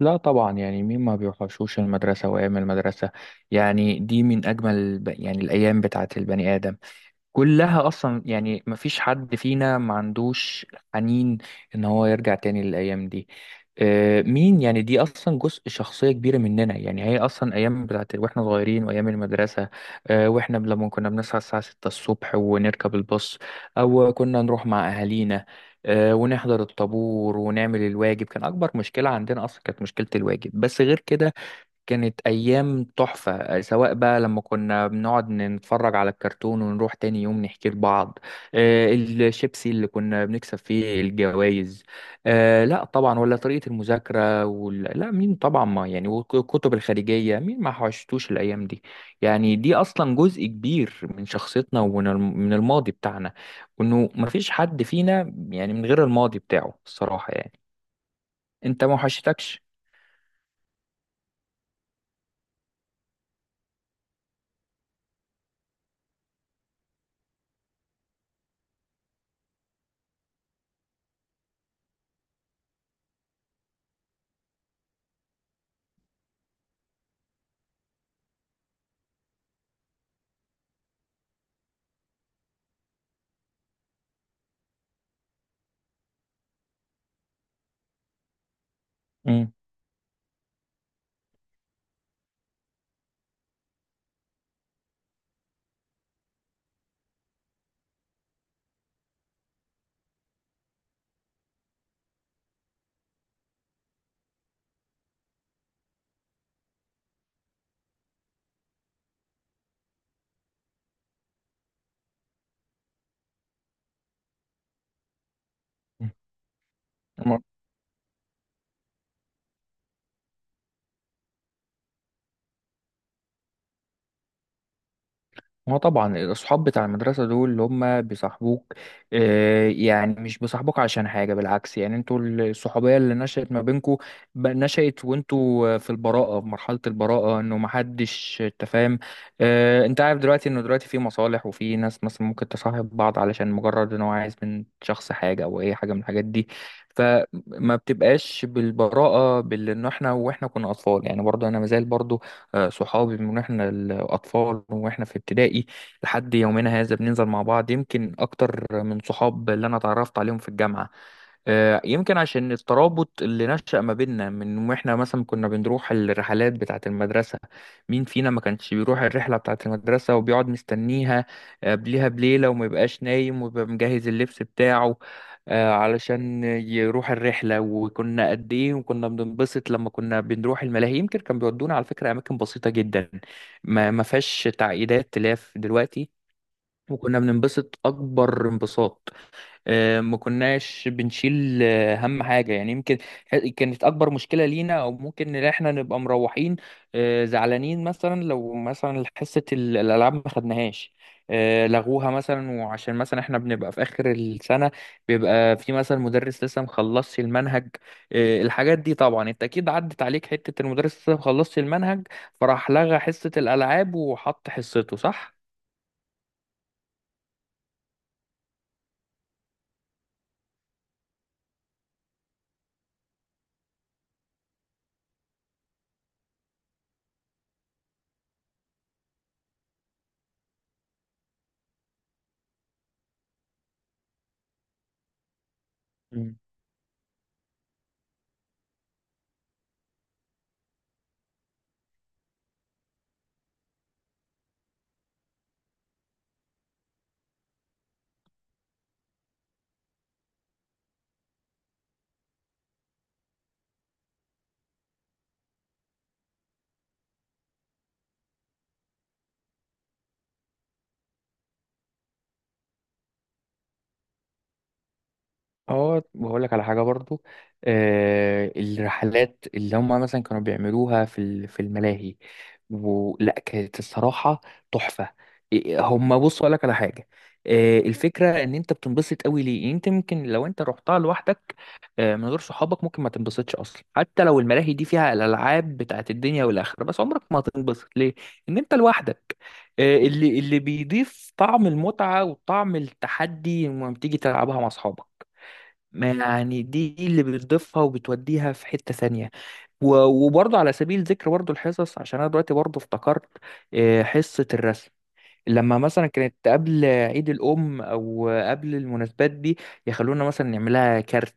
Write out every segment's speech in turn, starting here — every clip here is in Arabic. لا طبعا، يعني مين ما بيوحشوش المدرسة وأيام المدرسة؟ يعني دي من أجمل يعني الأيام بتاعت البني آدم كلها، اصلا يعني مفيش حد فينا ما عندوش حنين ان هو يرجع تاني للايام دي. مين؟ يعني دي اصلا جزء شخصيه كبيره مننا، يعني هي اصلا ايام بتاعت واحنا صغيرين وايام المدرسه. واحنا لما كنا بنصحى الساعه 6 الصبح ونركب الباص، او كنا نروح مع اهالينا. ونحضر الطابور ونعمل الواجب، كان اكبر مشكله عندنا اصلا كانت مشكله الواجب، بس غير كده كانت أيام تحفة. سواء بقى لما كنا بنقعد نتفرج على الكرتون ونروح تاني يوم نحكي لبعض، الشيبسي اللي كنا بنكسب فيه الجوائز. لا طبعا، ولا طريقة المذاكرة لا مين طبعا، ما يعني، والكتب الخارجية مين ما حوشتوش الأيام دي؟ يعني دي أصلا جزء كبير من شخصيتنا، ومن الم- من الماضي بتاعنا، وإنه مفيش حد فينا يعني من غير الماضي بتاعه الصراحة، يعني أنت ما حوشتكش؟ مم. ما طبعا الأصحاب بتاع المدرسة دول اللي هم بيصاحبوك، يعني مش بيصاحبوك عشان حاجة، بالعكس، يعني انتوا الصحوبية اللي نشأت ما بينكوا نشأت وانتوا في البراءة، في مرحلة البراءة، انه محدش تفاهم. اه، انت عارف دلوقتي انه دلوقتي في مصالح، وفي ناس مثلا ممكن تصاحب بعض علشان مجرد ان هو عايز من شخص حاجة او اي حاجة من الحاجات دي. فما بتبقاش بالبراءة باللي ان احنا واحنا كنا أطفال. يعني برضه انا مازال برضه، صحابي من واحنا الاطفال واحنا في ابتدائي لحد يومنا هذا بننزل مع بعض، يمكن اكتر من صحاب اللي انا اتعرفت عليهم في الجامعه. يمكن عشان الترابط اللي نشأ ما بيننا من واحنا مثلا كنا بنروح الرحلات بتاعة المدرسة. مين فينا ما كانش بيروح الرحلة بتاعة المدرسة وبيقعد مستنيها قبلها بليلة، وما يبقاش نايم، ويبقى مجهز اللبس بتاعه علشان يروح الرحلة؟ وكنا قد إيه وكنا بننبسط لما كنا بنروح الملاهي، يمكن كان بيودونا على فكرة أماكن بسيطة جدا ما فيهاش تعقيدات تلاف دلوقتي، وكنا بننبسط أكبر انبساط. ما كناش بنشيل هم حاجة، يعني يمكن كانت أكبر مشكلة لينا أو ممكن إن إحنا نبقى مروحين زعلانين مثلا، لو مثلا حصة الألعاب ما خدناهاش، لغوها مثلا، وعشان مثلا إحنا بنبقى في آخر السنة، بيبقى في مثلا مدرس لسه مخلصش المنهج. الحاجات دي طبعا أنت أكيد عدت عليك، حتة المدرس لسه مخلصش المنهج، فراح لغى حصة الألعاب وحط حصته، صح؟ اه، بقول لك على حاجه برضو، الرحلات اللي هم مثلا كانوا بيعملوها في الملاهي، ولا كانت الصراحه تحفه. إيه، هم بص اقول لك على حاجه، الفكره ان انت بتنبسط قوي ليه؟ يعني انت ممكن لو انت رحتها لوحدك، من غير صحابك، ممكن ما تنبسطش اصلا، حتى لو الملاهي دي فيها الالعاب بتاعت الدنيا والاخره، بس عمرك ما هتنبسط ليه ان انت لوحدك. اللي بيضيف طعم المتعه وطعم التحدي لما بتيجي تلعبها مع اصحابك، ما يعني دي اللي بتضيفها وبتوديها في حتة ثانية. و- وبرضه على سبيل ذكر برضه الحصص، عشان انا دلوقتي برضه افتكرت حصة الرسم. لما مثلا كانت قبل عيد الأم أو قبل المناسبات دي، يخلونا مثلا نعملها كارت،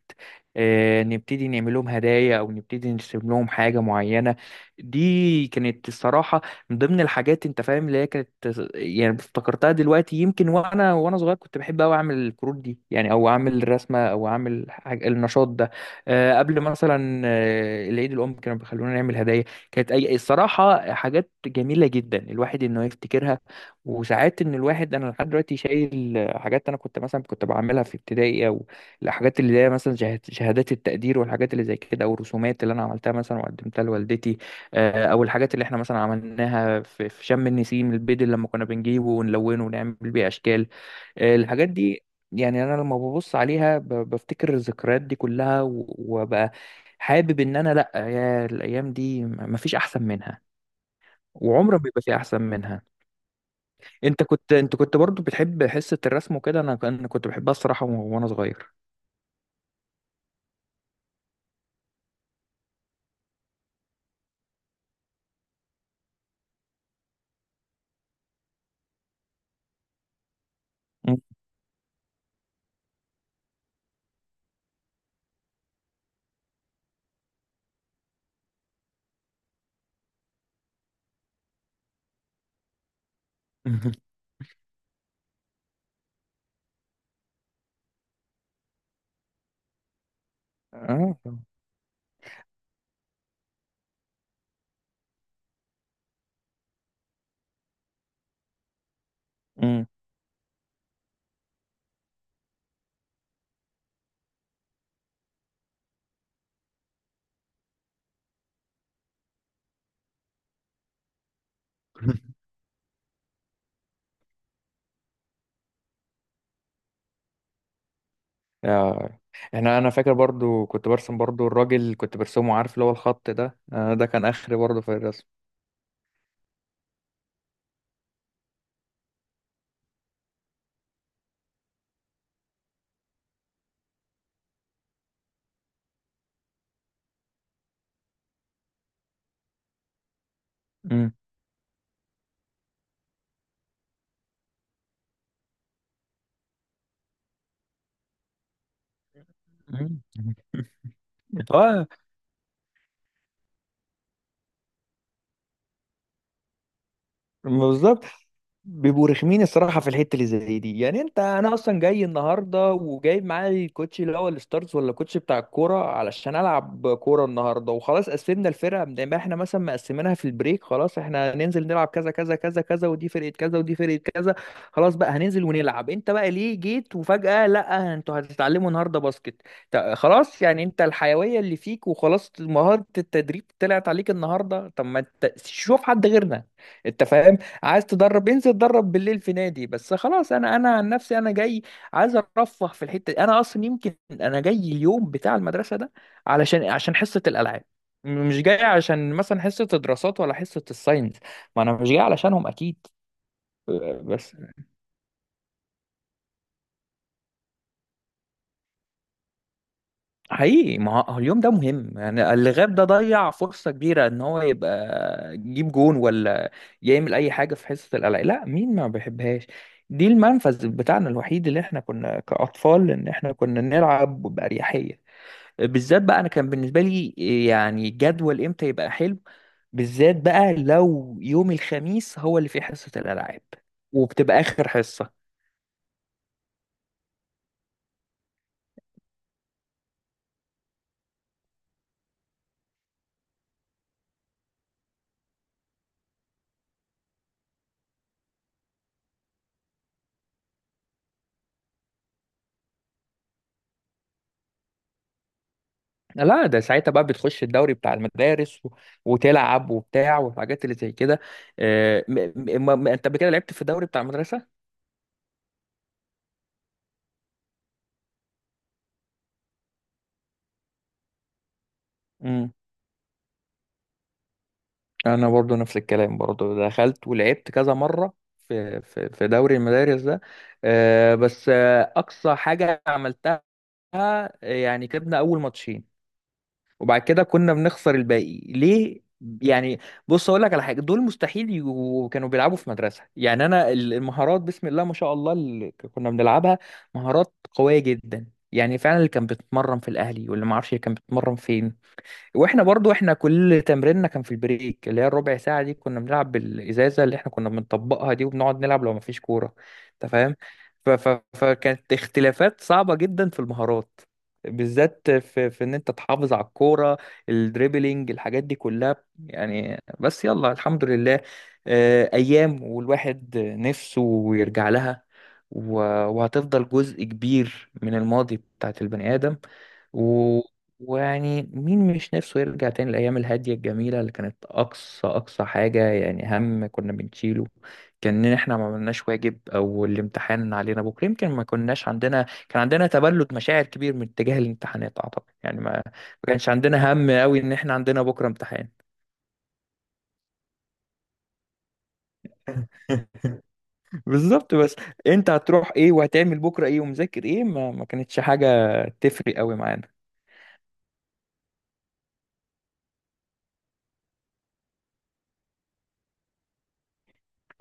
نبتدي نعمل لهم هدايا أو نبتدي نرسم لهم حاجة معينة. دي كانت الصراحة من ضمن الحاجات، أنت فاهم اللي هي كانت، يعني افتكرتها دلوقتي. يمكن وأنا صغير كنت بحب أوي أعمل الكروت دي، يعني، أو أعمل الرسمة أو أعمل حاجة النشاط ده. قبل مثلا العيد الأم، كانوا بيخلونا نعمل هدايا. كانت أي الصراحة حاجات جميلة جدا الواحد إنه يفتكرها. وساعات ان الواحد، انا لحد دلوقتي شايل حاجات انا كنت مثلا كنت بعملها في ابتدائي، او الحاجات اللي هي مثلا شهادات التقدير والحاجات اللي زي كده، او الرسومات اللي انا عملتها مثلا وقدمتها لوالدتي، او الحاجات اللي احنا مثلا عملناها في شم النسيم، البيض اللي لما كنا بنجيبه ونلونه ونعمل بيه اشكال، الحاجات دي. يعني انا لما ببص عليها بفتكر الذكريات دي كلها، وببقى حابب ان انا، لا يا الايام دي مفيش احسن منها، وعمر ما بيبقى في احسن منها. انت كنت برضو بتحب حصة الرسم وكده؟ انا انا كنت بحبها الصراحة، وانا صغير. مم. اه. امم. آه. احنا، انا فاكر برضو كنت برسم برضو الراجل كنت برسمه، عارف اللي هو الخط ده، آه ده كان اخر برضو في الرسم. امم. مم. اه، بالظبط. بيبقوا رخمين الصراحه في الحته اللي زي دي، يعني انت، انا اصلا جاي النهارده وجايب معايا الكوتش اللي هو الستارز ولا الكوتش بتاع الكوره علشان العب كوره النهارده، وخلاص قسمنا الفرقه زي ما احنا مثلا مقسمينها في البريك، خلاص احنا هننزل نلعب كذا كذا كذا كذا، ودي فرقه كذا ودي فرقه كذا، خلاص بقى هننزل ونلعب. انت بقى ليه جيت وفجاه لا انتوا هتتعلموا النهارده باسكت؟ خلاص، يعني انت الحيويه اللي فيك وخلاص، مهاره التدريب طلعت عليك النهارده؟ طب ما انت شوف حد غيرنا، انت فاهم؟ عايز تدرب انزل اتدرب بالليل في نادي، بس خلاص. انا عن نفسي انا جاي عايز ارفه في الحته دي، انا اصلا يمكن انا جاي اليوم بتاع المدرسه ده علشان عشان حصه الالعاب، مش جاي عشان مثلا حصه الدراسات ولا حصه الساينس، ما انا مش جاي علشانهم اكيد. بس حقيقي، ما هو اليوم ده مهم، يعني اللي غاب ده ضيع فرصة كبيرة ان هو يبقى يجيب جون، ولا يعمل اي حاجة في حصة القلق. لا مين ما بيحبهاش؟ دي المنفذ بتاعنا الوحيد اللي احنا كنا كأطفال ان احنا كنا نلعب بأريحية، بالذات بقى انا كان بالنسبة لي. يعني جدول امتى يبقى حلو؟ بالذات بقى لو يوم الخميس هو اللي فيه حصة الألعاب وبتبقى آخر حصة. لا ده ساعتها بقى بتخش الدوري بتاع المدارس وتلعب وبتاع والحاجات اللي زي كده. انت قبل كده لعبت في الدوري بتاع المدرسة؟ امم. انا برضو نفس الكلام، برضو دخلت ولعبت كذا مرة في في دوري المدارس ده، بس اقصى حاجة عملتها، يعني كسبنا اول ماتشين، وبعد كده كنا بنخسر الباقي، ليه يعني؟ بص اقول لك على حاجه، دول مستحيل كانوا بيلعبوا في مدرسه. يعني انا المهارات بسم الله ما شاء الله اللي كنا بنلعبها مهارات قويه جدا. يعني فعلا اللي كان بيتمرن في الاهلي واللي ما اعرفش كان بيتمرن فين، واحنا برضو احنا كل تمريننا كان في البريك اللي هي الربع ساعة دي، كنا بنلعب بالإزازة اللي احنا كنا بنطبقها دي، وبنقعد نلعب لو مفيش كورة، انت فاهم؟ ف... ف... فكانت اختلافات صعبة جدا في المهارات، بالذات في ان انت تحافظ على الكورة، الدريبلينج، الحاجات دي كلها يعني. بس يلا الحمد لله، ايام والواحد نفسه يرجع لها، و... وهتفضل جزء كبير من الماضي بتاعت البني آدم. ويعني مين مش نفسه يرجع تاني الأيام الهادية الجميلة، اللي كانت أقصى أقصى حاجة يعني هم كنا بنشيله كان إن إحنا ما عملناش واجب، أو الامتحان علينا بكرة. يمكن ما كناش عندنا، كان عندنا تبلد مشاعر كبير من اتجاه الامتحانات أعتقد، يعني ما كانش عندنا هم أوي إن إحنا عندنا بكرة امتحان. بالظبط، بس أنت هتروح إيه وهتعمل بكرة إيه ومذاكر إيه، ما كانتش حاجة تفرق أوي معانا.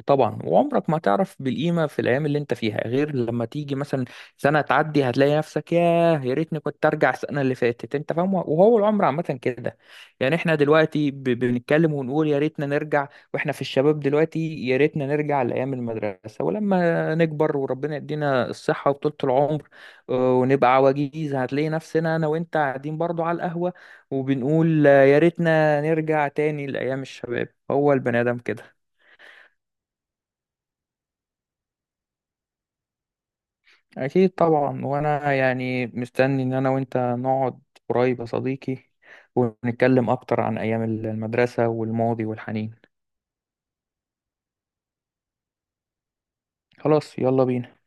طبعا، وعمرك ما تعرف بالقيمة في الأيام اللي أنت فيها غير لما تيجي مثلا سنة تعدي هتلاقي نفسك، ياه يا ريتني كنت أرجع السنة اللي فاتت. أنت فاهم؟ وهو العمر عامة كده، يعني إحنا دلوقتي بنتكلم ونقول يا ريتنا نرجع، وإحنا في الشباب دلوقتي، يا ريتنا نرجع لأيام المدرسة. ولما نكبر وربنا يدينا الصحة وطولة العمر ونبقى عواجيز، هتلاقي نفسنا أنا وأنت قاعدين برضو على القهوة وبنقول يا ريتنا نرجع تاني لأيام الشباب. هو البني آدم كده. أكيد طبعا، وأنا يعني مستني إن أنا وأنت نقعد قريب يا صديقي، ونتكلم أكتر عن أيام المدرسة والماضي والحنين. خلاص، يلا بينا.